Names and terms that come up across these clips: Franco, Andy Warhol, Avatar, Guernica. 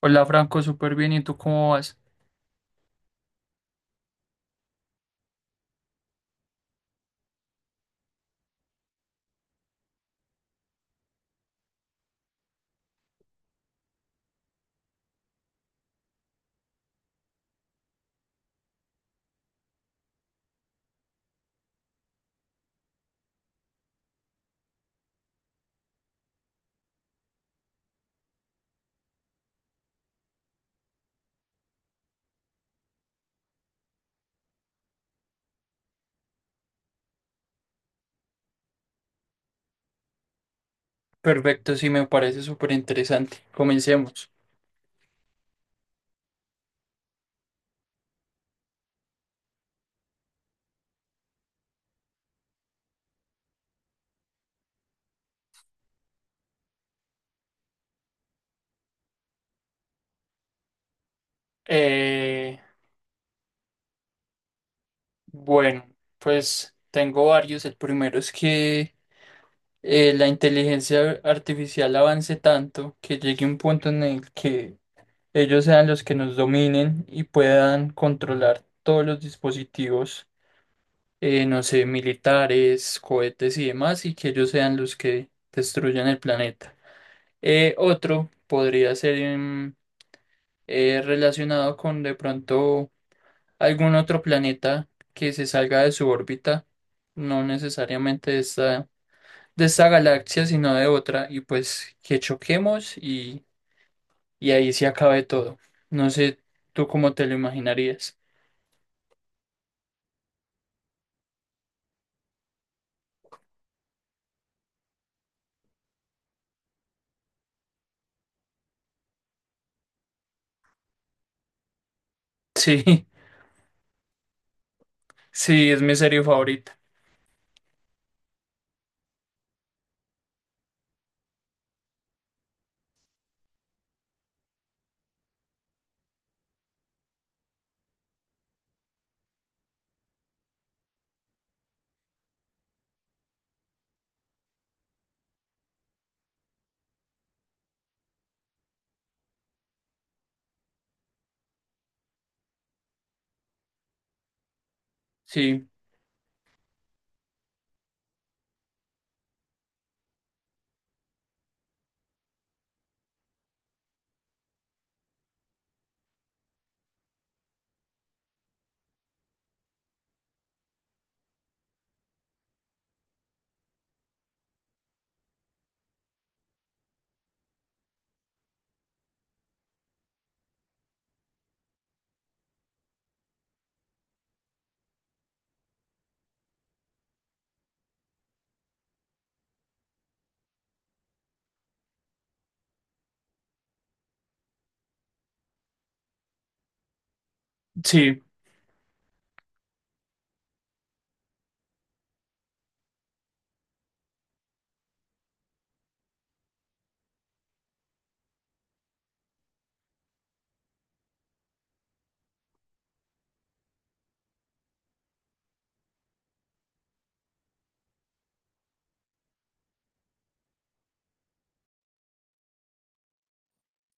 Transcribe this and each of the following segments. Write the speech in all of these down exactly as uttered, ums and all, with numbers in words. Hola Franco, súper bien. ¿Y tú cómo vas? Perfecto, sí, me parece súper interesante. Comencemos. Eh, bueno, pues tengo varios. El primero es que eh, la inteligencia artificial avance tanto que llegue un punto en el que ellos sean los que nos dominen y puedan controlar todos los dispositivos, eh, no sé, militares, cohetes y demás, y que ellos sean los que destruyan el planeta. Eh, otro podría ser... em, eh, relacionado con de pronto algún otro planeta que se salga de su órbita, no necesariamente de esta, de esta galaxia, sino de otra, y pues que choquemos y, y ahí se acabe todo. No sé tú cómo te lo imaginarías. Sí, sí, es mi serie favorita. Sí, sí,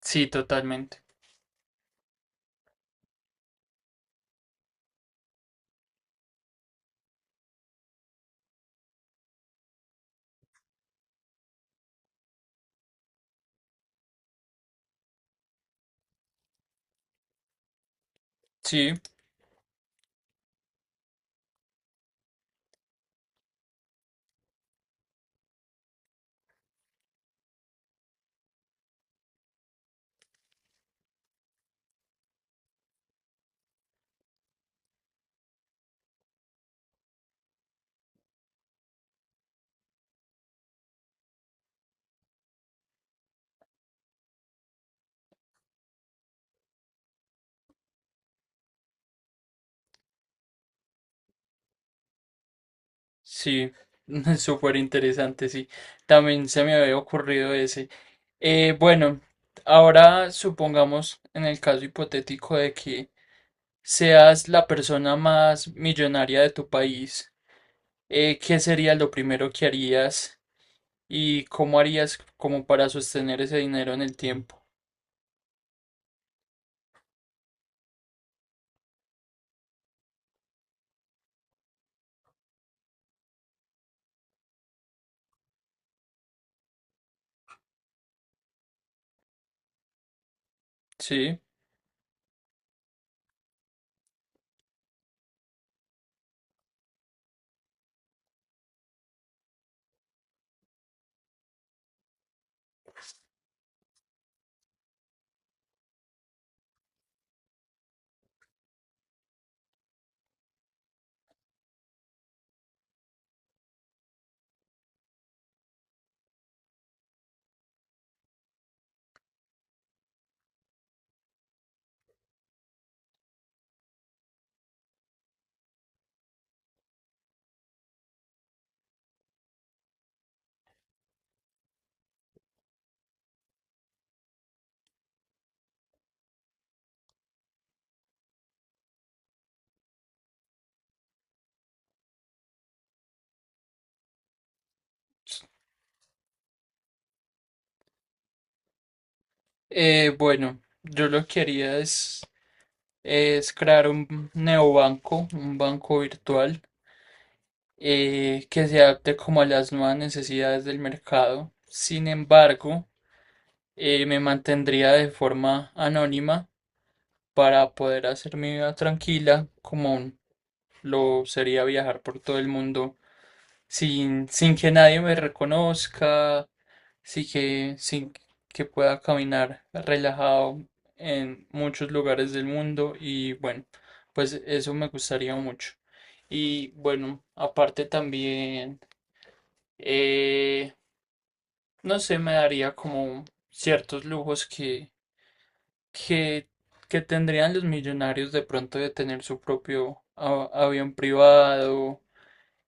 sí, totalmente. Sí, sí, súper interesante, sí. También se me había ocurrido ese. Eh, bueno, ahora supongamos en el caso hipotético de que seas la persona más millonaria de tu país. Eh, ¿qué sería lo primero que harías y cómo harías como para sostener ese dinero en el tiempo? Sí. Eh, bueno, yo lo que haría es, es crear un neobanco, un banco virtual eh, que se adapte como a las nuevas necesidades del mercado. Sin embargo, eh, me mantendría de forma anónima para poder hacer mi vida tranquila, como lo sería viajar por todo el mundo sin, sin que nadie me reconozca, sin que, sin que pueda caminar relajado en muchos lugares del mundo y bueno, pues eso me gustaría mucho. Y bueno, aparte también, eh, no sé, me daría como ciertos lujos que que, que tendrían los millonarios de pronto de tener su propio a- avión privado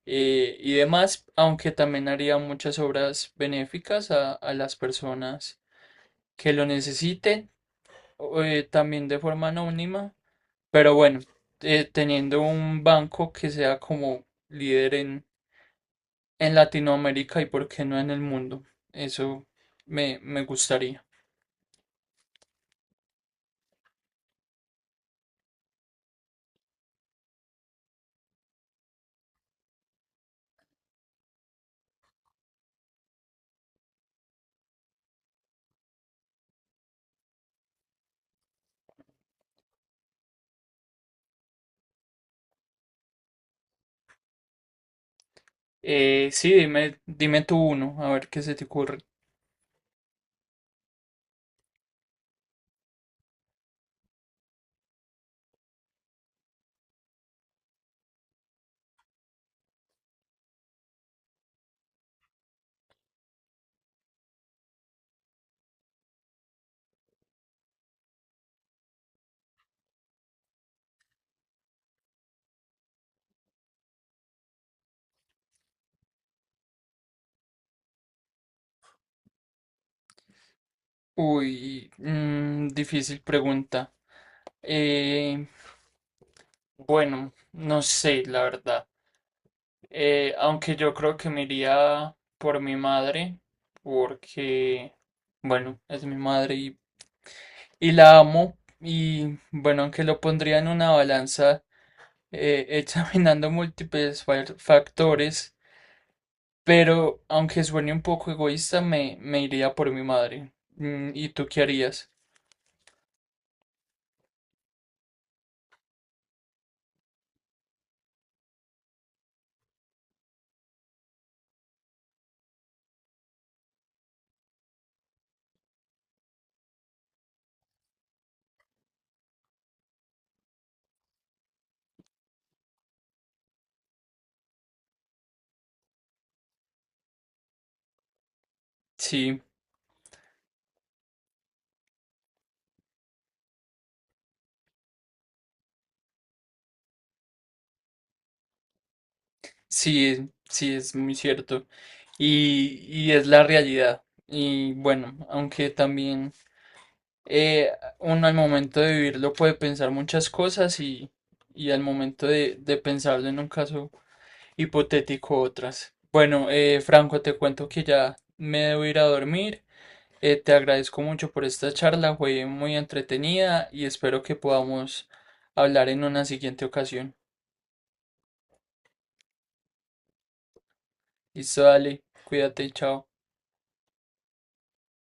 eh, y demás, aunque también haría muchas obras benéficas a, a las personas que lo necesiten, o, eh, también de forma anónima, pero bueno, eh, teniendo un banco que sea como líder en, en Latinoamérica y por qué no en el mundo, eso me, me gustaría. Eh, sí, dime, dime tú uno, a ver qué se te ocurre. Uy, mm, difícil pregunta. Eh, bueno, no sé, la verdad. Eh, aunque yo creo que me iría por mi madre, porque, bueno, es mi madre y, y la amo. Y bueno, aunque lo pondría en una balanza, eh, examinando múltiples fa- factores, pero aunque suene un poco egoísta, me, me iría por mi madre. Mm, ¿y tú qué harías? Sí, sí, es- sí, es muy cierto. Y, y es la realidad. Y bueno, aunque también eh, uno al momento de vivirlo puede pensar muchas cosas y, y al momento de, de pensarlo en un caso hipotético otras. Bueno, eh, Franco, te cuento que ya me debo ir a dormir. Eh, te agradezco mucho por esta charla, fue muy entretenida y espero que podamos hablar en una siguiente ocasión. Listo, dale, cuídate, chao.